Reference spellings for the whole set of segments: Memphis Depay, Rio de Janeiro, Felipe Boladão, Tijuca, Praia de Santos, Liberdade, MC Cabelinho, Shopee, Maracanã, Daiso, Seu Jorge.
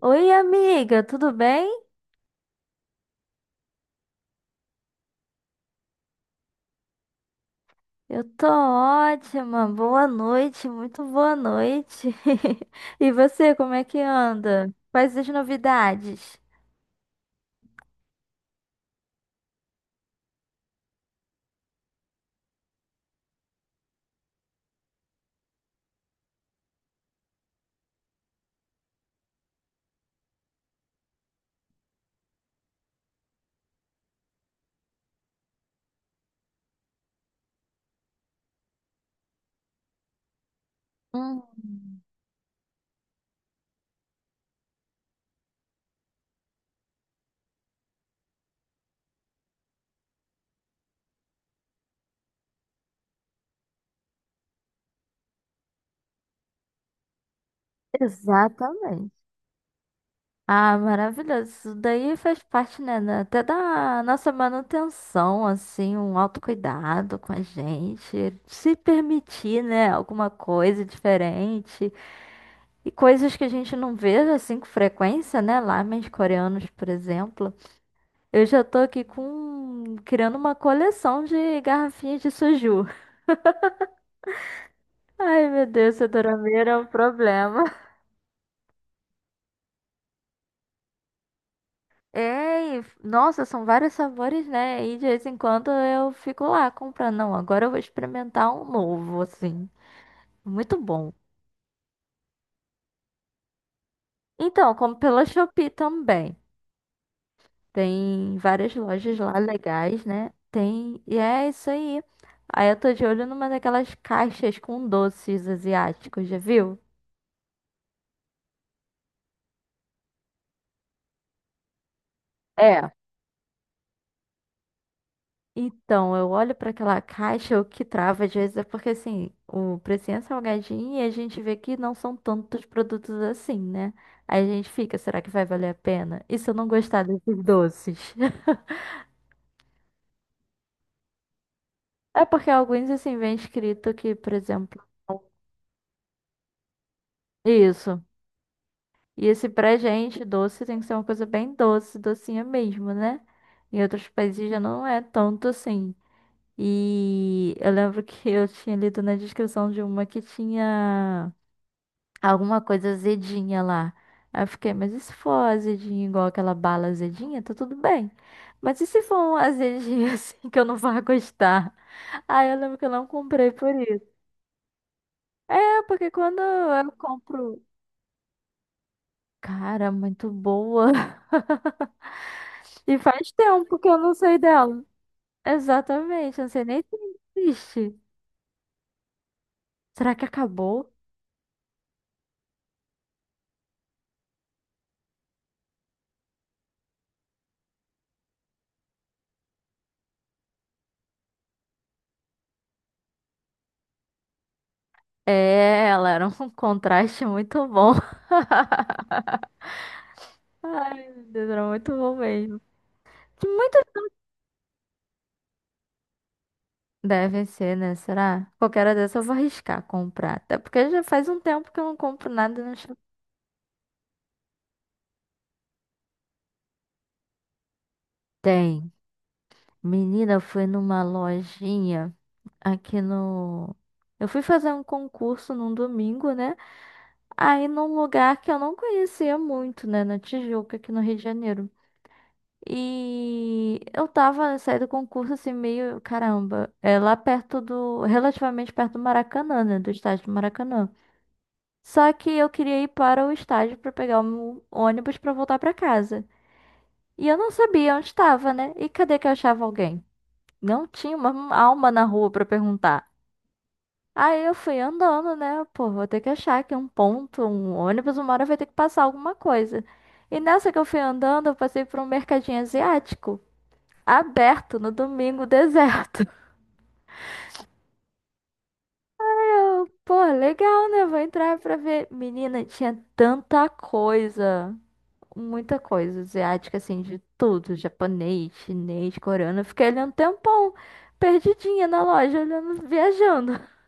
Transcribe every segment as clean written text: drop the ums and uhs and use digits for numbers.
Oi, amiga, tudo bem? Eu tô ótima. Boa noite, muito boa noite. E você, como é que anda? Quais as novidades? Hum, exatamente. Ah, maravilhoso. Isso daí faz parte, né, até da nossa manutenção, assim, um autocuidado com a gente, se permitir, né, alguma coisa diferente e coisas que a gente não vê assim com frequência, né, lá, mas coreanos, por exemplo. Eu já tô aqui com criando uma coleção de garrafinhas de suju. Ai, meu Deus, Dorameira é um problema. É, nossa, são vários sabores, né? E de vez em quando eu fico lá comprando. Não, agora eu vou experimentar um novo, assim. Muito bom. Então, como pela Shopee também. Tem várias lojas lá legais, né? Tem. E é isso aí. Aí eu tô de olho numa daquelas caixas com doces asiáticos, já viu? É. Então, eu olho para aquela caixa, o que trava às vezes é porque assim, o precinho é salgadinho e a gente vê que não são tantos produtos assim, né? Aí a gente fica, será que vai valer a pena? E se eu não gostar desses doces? É porque alguns assim vem escrito que, por exemplo, isso. E esse pra gente doce tem que ser uma coisa bem doce, docinha mesmo, né? Em outros países já não é tanto assim. E eu lembro que eu tinha lido na descrição de uma que tinha alguma coisa azedinha lá. Aí eu fiquei, mas e se for azedinho igual aquela bala azedinha, tá tudo bem. Mas e se for um azedinho assim que eu não vá gostar? Aí eu lembro que eu não comprei por isso. É, porque quando eu compro. Cara, muito boa. E faz tempo que eu não sei dela. Exatamente, eu não sei nem se existe. Será que acabou? É, ela era um contraste muito bom. Ai, meu Deus, era muito bom mesmo. Muito Deve ser, né? Será? Qualquer hora dessa eu vou arriscar comprar. Até porque já faz um tempo que eu não compro nada no shopping. Tem. Menina, eu fui numa lojinha aqui no. Eu fui fazer um concurso num domingo, né? Aí num lugar que eu não conhecia muito, né? Na Tijuca, aqui no Rio de Janeiro. E eu tava, saí do concurso assim, meio, caramba, é lá relativamente perto do Maracanã, né? Do estádio do Maracanã. Só que eu queria ir para o estádio para pegar um ônibus para voltar para casa. E eu não sabia onde estava, né? E cadê que eu achava alguém? Não tinha uma alma na rua para perguntar. Aí eu fui andando, né? Pô, vou ter que achar aqui um ponto, um ônibus, uma hora vai ter que passar alguma coisa. E nessa que eu fui andando, eu passei por um mercadinho asiático, aberto no domingo, deserto. Eu, pô, legal, né? Vou entrar pra ver. Menina, tinha tanta coisa. Muita coisa asiática, assim, de tudo, japonês, chinês, coreano. Eu fiquei ali um tempão, perdidinha na loja, olhando, viajando.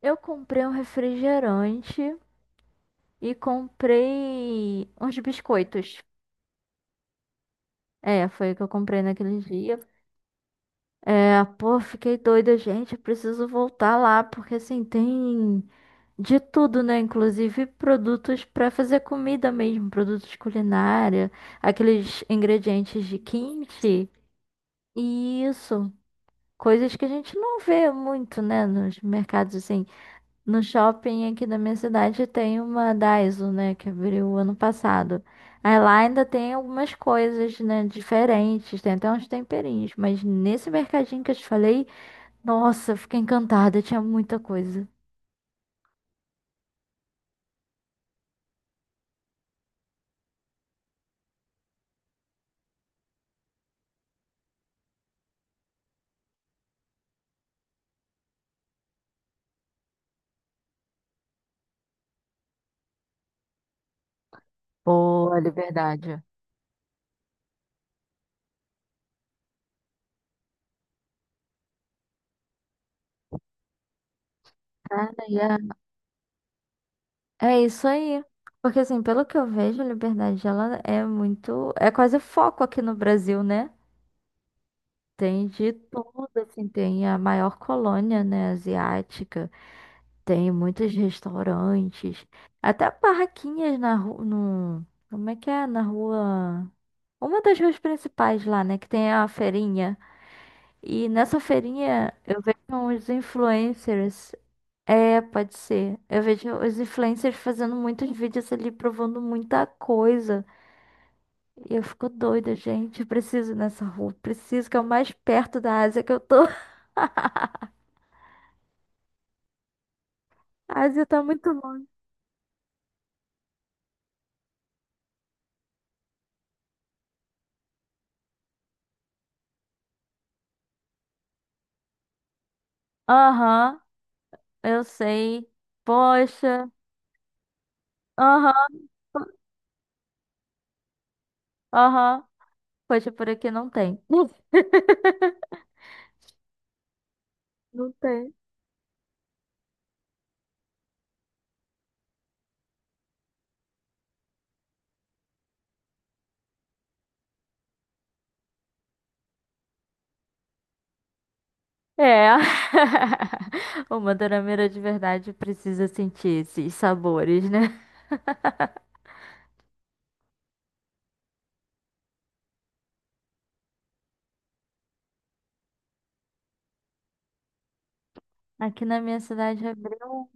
Eu comprei um refrigerante e comprei uns biscoitos. É, foi o que eu comprei naquele dia. É, pô, fiquei doida, gente. Eu preciso voltar lá, porque assim, tem de tudo, né? Inclusive produtos pra fazer comida mesmo, produtos culinária, aqueles ingredientes de kimchi. Isso, coisas que a gente não vê muito, né, nos mercados assim. No shopping aqui da minha cidade tem uma Daiso, né, que abriu ano passado. Aí lá ainda tem algumas coisas, né, diferentes, tem até uns temperinhos, mas nesse mercadinho que eu te falei, nossa, eu fiquei encantada, tinha muita coisa. Boa, liberdade. Ah, e é isso aí. Porque assim, pelo que eu vejo, a liberdade ela é quase foco aqui no Brasil, né? Tem de tudo, assim, tem a maior colônia, né, asiática, tem muitos restaurantes, até barraquinhas na rua, no, como é que é, na rua, uma das ruas principais lá, né, que tem a feirinha, e nessa feirinha eu vejo uns influencers, é, pode ser, eu vejo os influencers fazendo muitos vídeos ali, provando muita coisa, e eu fico doida, gente, eu preciso ir nessa rua, preciso, que é o mais perto da Ásia que eu tô. A Ásia tá muito longe. Aham, eu sei. Poxa. Aham, aham. Poxa, por aqui não tem. Não tem. É. O madeireiro de verdade precisa sentir esses sabores, né? Aqui na minha cidade abriu.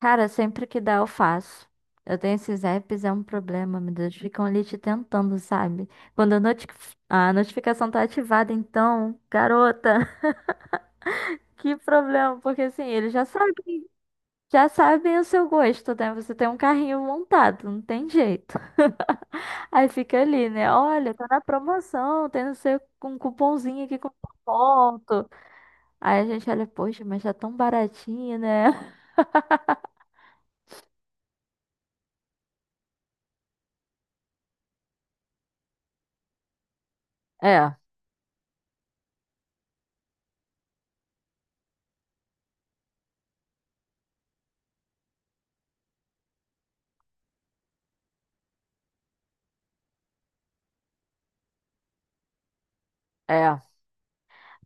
Cara, sempre que dá eu faço. Eu tenho esses apps, é um problema, meu Deus. Ficam ali te tentando, sabe? Quando a notificação tá ativada, então, garota, que problema, porque assim, ele já sabe. Já sabem o seu gosto, né? Você tem um carrinho montado, não tem jeito. Aí fica ali, né? Olha, tá na promoção, tem não sei, um cupomzinho aqui com ponto. Aí a gente olha, poxa, mas tá tão baratinho, né? É, é.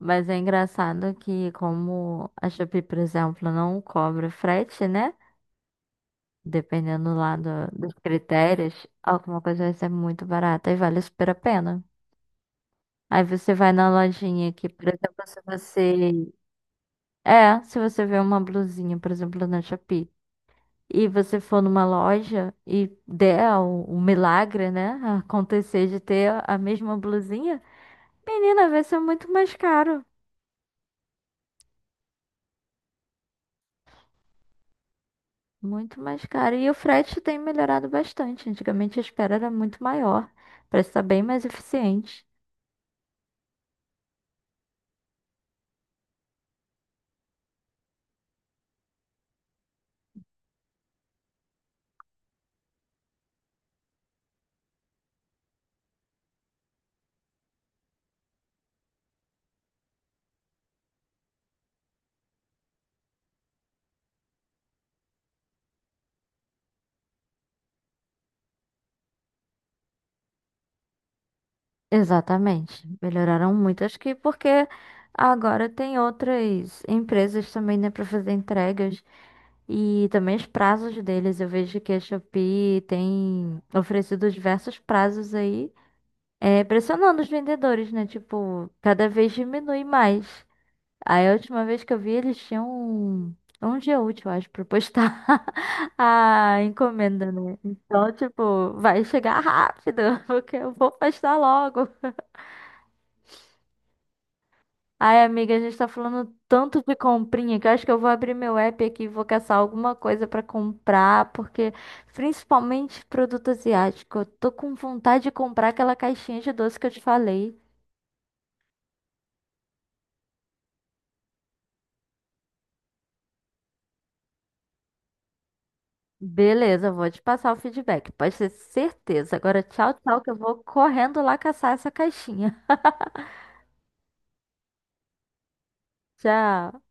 Mas é engraçado que como a Shopee, por exemplo, não cobra frete, né? Dependendo lá dos critérios, alguma coisa vai ser muito barata e vale super a pena. Aí você vai na lojinha aqui, por exemplo, se você É, se você vê uma blusinha, por exemplo, na Shopee, e você for numa loja e der o milagre, né, acontecer de ter a mesma blusinha, menina, vai ser muito mais caro. Muito mais caro. E o frete tem melhorado bastante. Antigamente a espera era muito maior. Parece estar bem mais eficiente. Exatamente. Melhoraram muito. Acho que porque agora tem outras empresas também, né, para fazer entregas. E também os prazos deles. Eu vejo que a Shopee tem oferecido diversos prazos aí, é, pressionando os vendedores, né? Tipo, cada vez diminui mais. Aí a última vez que eu vi, eles tinham um dia útil, eu acho, pra postar a encomenda, né? Então, tipo, vai chegar rápido, porque eu vou postar logo. Ai, amiga, a gente tá falando tanto de comprinha que eu acho que eu vou abrir meu app aqui e vou caçar alguma coisa pra comprar, porque principalmente produto asiático, eu tô com vontade de comprar aquela caixinha de doce que eu te falei. Beleza, vou te passar o feedback, pode ter certeza. Agora, tchau, tchau, que eu vou correndo lá caçar essa caixinha. Tchau.